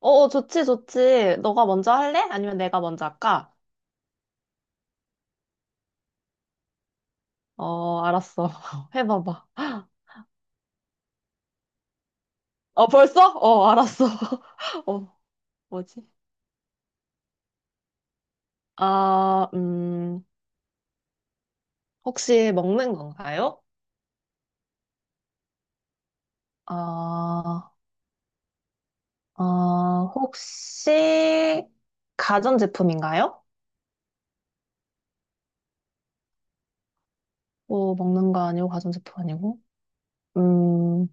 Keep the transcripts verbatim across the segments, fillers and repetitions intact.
어, 어, 좋지, 좋지. 너가 먼저 할래? 아니면 내가 먼저 할까? 어, 알았어. 해봐봐. 어, 벌써? 어, 알았어. 어, 뭐지? 아, 음, 혹시 먹는 건가요? 아, 어, 혹시 가전제품인가요? 뭐 먹는 거 아니고 가전제품 아니고? 음,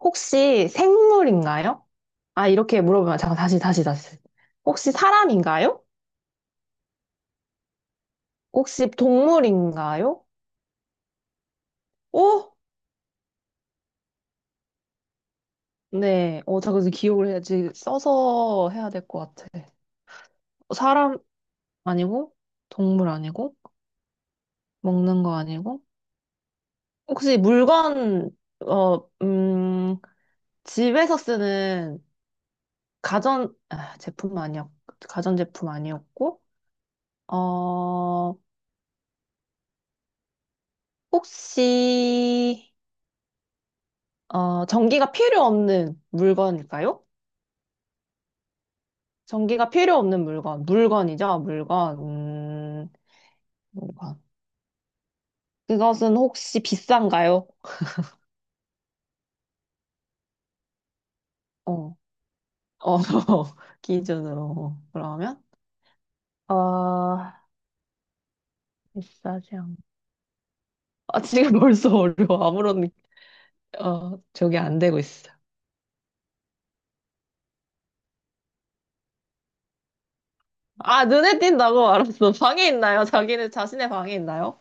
혹시 생물인가요? 아, 이렇게 물어보면 잠깐 다시 다시 다시. 혹시 사람인가요? 혹시 동물인가요? 오? 네. 어, 자, 그래서 기억을 해야지. 써서 해야 될 것 같아. 사람 아니고, 동물 아니고, 먹는 거 아니고. 혹시 물건, 어, 음, 집에서 쓰는 가전, 아, 제품 아니었, 가전제품 아니었고, 어, 혹시, 어, 전기가 필요 없는 물건일까요? 전기가 필요 없는 물건. 물건이죠, 물건. 음, 물건. 그것은 혹시 비싼가요? 어, 어, 기준으로. 그러면? 어, 비싸지 않고. 아, 지금 벌써 어려워. 아무런, 느- 어, 저게 안 되고 있어. 아, 눈에 띈다고? 알았어. 방에 있나요? 자기는 자신의 방에 있나요?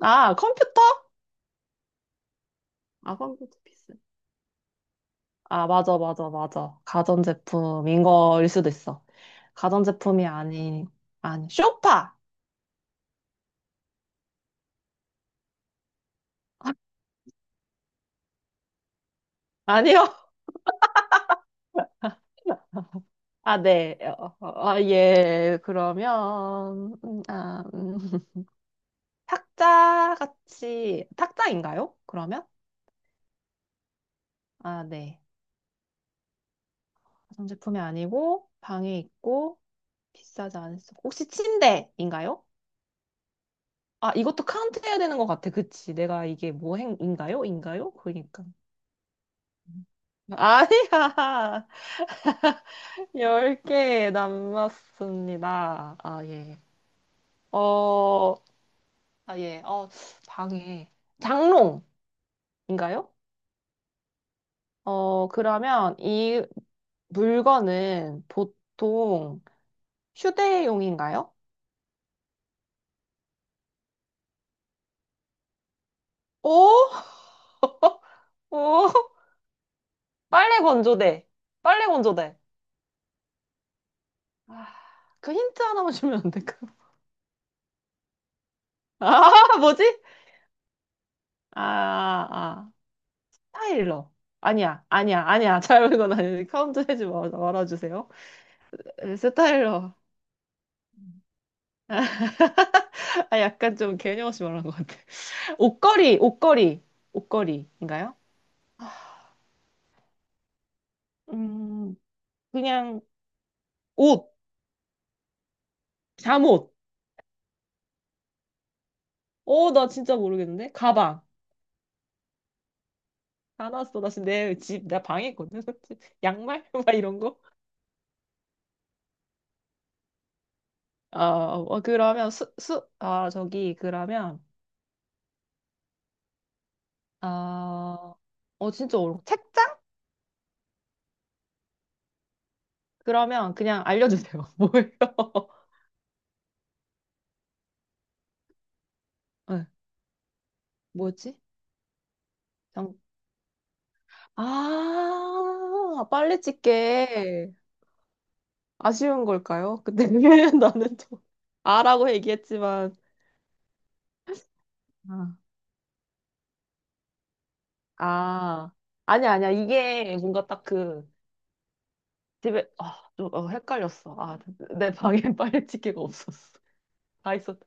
아, 컴퓨터? 아, 컴퓨터 피스. 아, 맞아, 맞아, 맞아. 가전제품인 거일 수도 있어. 가전제품이 아닌, 아니, 쇼파! 아니요? 아, 네. 어, 어, 아, 예. 그러면, 음, 아, 음. 탁자같이, 탁자인가요? 그러면? 아, 네. 가전제품이 아니고, 방에 있고, 비싸지 않았어. 혹시 침대인가요? 아, 이것도 카운트 해야 되는 것 같아. 그치. 내가 이게 뭐 행인가요? 인가요? 그러니까. 아니야. 열 개 남았습니다. 아, 예. 어, 아, 예. 어, 방에. 장롱인가요? 어, 그러면 이 물건은 보통 휴대용인가요? 오? 오? 빨래 건조대. 빨래 건조대. 아, 그 힌트 하나만 주면 안 될까요? 아, 뭐지? 아, 아. 스타일러. 아니야, 아니야, 아니야. 잘못 건 아니지. 카운트 해지 말- 말아주세요. 스타일러. 아, 약간 좀 개념 없이 말한 것 같아. 옷걸이, 옷걸이, 옷걸이인가요? 음, 그냥 옷, 잠옷. 어, 나 진짜 모르겠는데. 가방. 사놨어. 나 지금 내 집, 내 방에 있거든. 양말? 막 이런 거? 아, 어, 그러면 수, 수, 아, 저기, 그러면, 아, 어, 진짜 어려워. 책장? 그러면 그냥 알려주세요. 뭐예요? 네, 뭐였지? 장... 아, 빨리 찍게. 아쉬운 걸까요? 근데 나는 좀, 아라고 얘기했지만, 아, 아, 아니야, 아니야. 이게 뭔가 딱 그, 집에 아, 좀 어, 헷갈렸어. 아, 내 방에 빨래치기가 없었어. 다 있었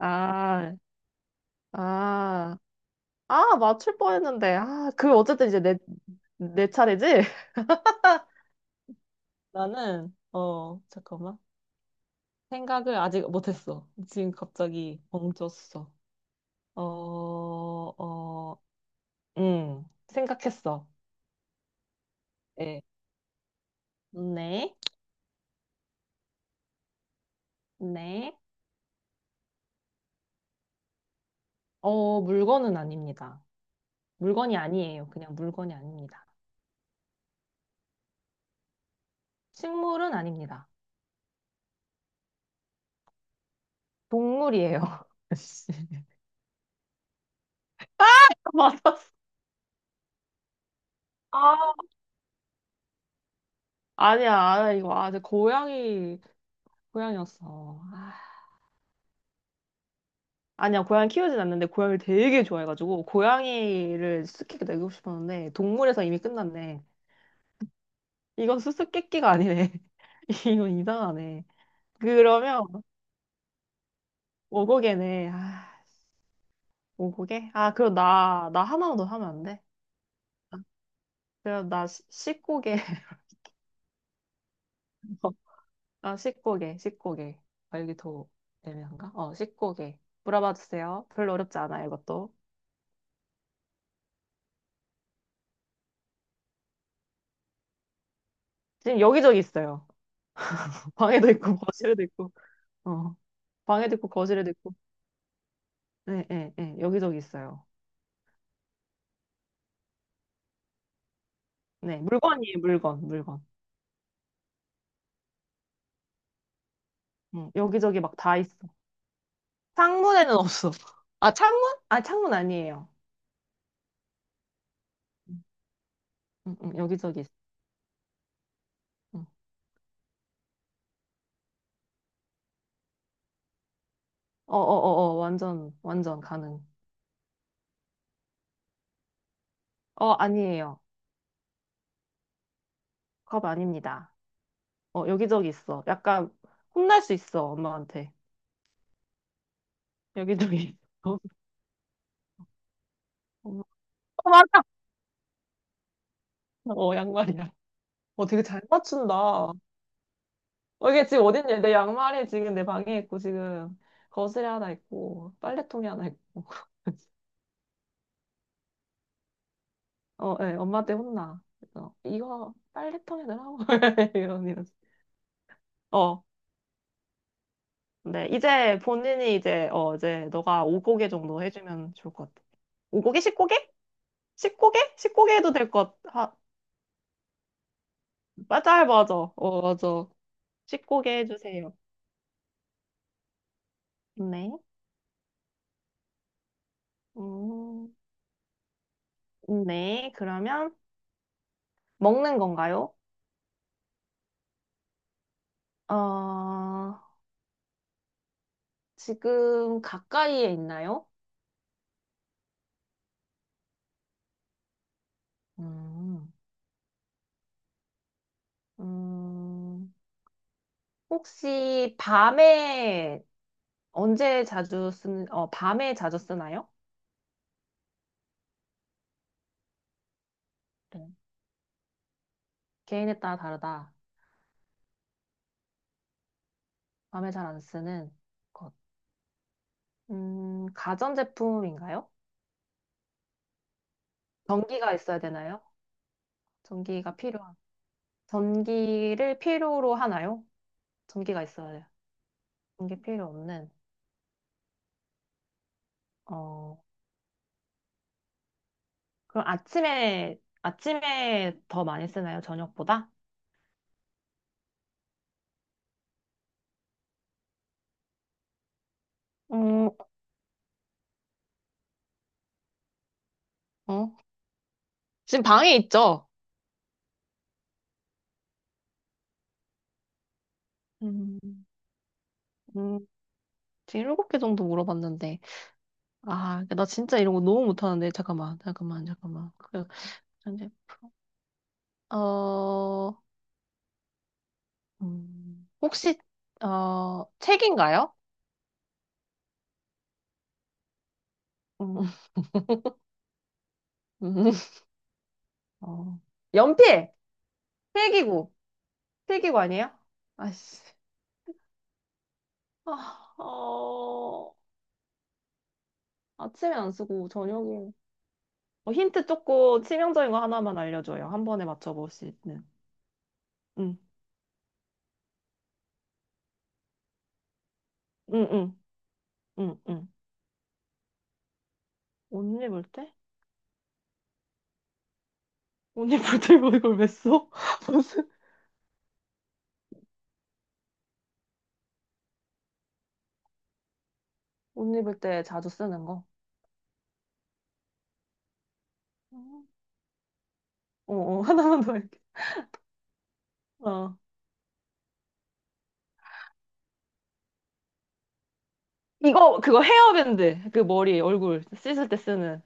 어 아, 아, 아, 맞출 뻔했는데. 아, 그 어쨌든 이제 내, 내 차례지? 나는 어, 잠깐만. 생각을 아직 못 했어. 지금 갑자기 멈췄어. 어, 어, 음. 생각했어. 예. 네. 네. 어, 물건은 아닙니다. 물건이 아니에요. 그냥 물건이 아닙니다. 식물은 아닙니다. 동물이에요. 씨. 맞았어. 아, 아니야, 아 이거. 아, 제 고양이, 고양이였어. 아, 아니야, 고양이 키우진 않는데, 고양이를 되게 좋아해가지고, 고양이를 수수께끼 내고 싶었는데, 동물에서 이미 끝났네. 이건 수수께끼가 아니네. 이건 이상하네. 그러면, 오고개네. 아, 오고개? 아, 그럼 나, 나 하나만 더 하면 안 돼? 그럼 나 시- 십고개. 아, 씻고개, 씻고개. 아, 여기 더 애매한가? 어, 씻고개. 물어봐 주세요. 별로 어렵지 않아요, 이것도. 지금 여기저기 있어요. 방에도 있고, 거실에도 있고. 어, 방에도 있고, 거실에도 있고. 네, 네, 네. 여기저기 있어요. 네, 물건이에요, 물건, 물건. 응, 여기저기 막 다 있어. 창문에는 없어. 아, 창문? 아, 창문 아니에요. 응, 응, 응, 여기저기 있어. 응. 어, 어, 어, 어, 완전, 완전 가능. 어, 아니에요. 컵 아닙니다. 어, 여기저기 있어. 약간 혼날 수 있어, 엄마한테. 여기저기 있어. 어, 맞아. 어, 양말이야. 어, 되게 잘 맞춘다. 어, 이게 지금 어딨냐? 내 양말이 지금 내 방에 있고, 지금 거실에 하나 있고, 빨래통에 하나 있고. 어, 예, 엄마한테 혼나. 그래서 이거 빨래통에 넣으라고. 이런, 이런. 어, 네. 이제 본인이 이제, 어, 이제 너가 오고개 정도 해주면 좋을 것 같아. 오고개? 십고개? 십고개? 십 고개 해도 될 것 같아. 맞아, 맞아. 어, 맞아. 십고개 해주세요. 네. 음. 네, 그러면 먹는 건가요? 어, 지금 가까이에 있나요? 음, 음, 혹시 밤에 언제 자주 쓰는, 어, 밤에 자주 쓰나요? 네. 개인에 따라 다르다. 밤에 잘 안 쓰는 것. 음, 가전제품인가요? 전기가 있어야 되나요? 전기가 필요한. 전기를 필요로 하나요? 전기가 있어야 돼요. 전기 필요 없는. 어, 그럼 아침에, 아침에 더 많이 쓰나요? 저녁보다? 음, 어? 지금 방에 있죠? 음. 음, 지금 일곱 개 정도 물어봤는데. 아, 나 진짜 이런 거 너무 못하는데. 잠깐만, 잠깐만, 잠깐만. 그, 현재 프로. 어, 음, 혹시, 어, 책인가요? 음, 음, 어, 연필! 필기구! 필기구 아니에요? 아씨. 아, 어, 아침에 안 쓰고 저녁에. 어, 힌트 조금 치명적인 거 하나만 알려줘요. 한 번에 맞춰볼 수 있는. 응, 응, 응, 응, 응. 옷 입을 때? 옷 입을 때 뭐 이걸 왜 써? 무슨 옷 입을 때 자주 쓰는 거? 음. 어, 어, 하나만 더 할게. 어. 이거, 그거 헤어밴드. 그 머리, 얼굴 씻을 때 쓰는.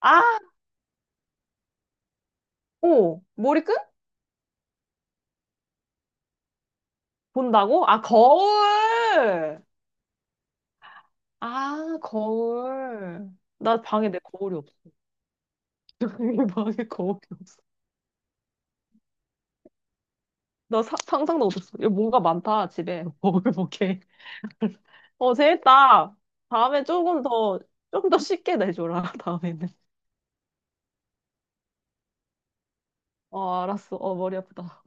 아, 오, 머리끈? 본다고? 아, 거울! 아, 거울. 나 방에 내 거울이 없어. 방에 거울이 없어. 나 사- 상상도 못했어. 이 뭔가 많다, 집에. 먹을먹게. 어, 재밌다. 다음에 조금 더, 좀 더 쉽게 내줘라, 다음에는. 어, 알았어. 어, 머리 아프다.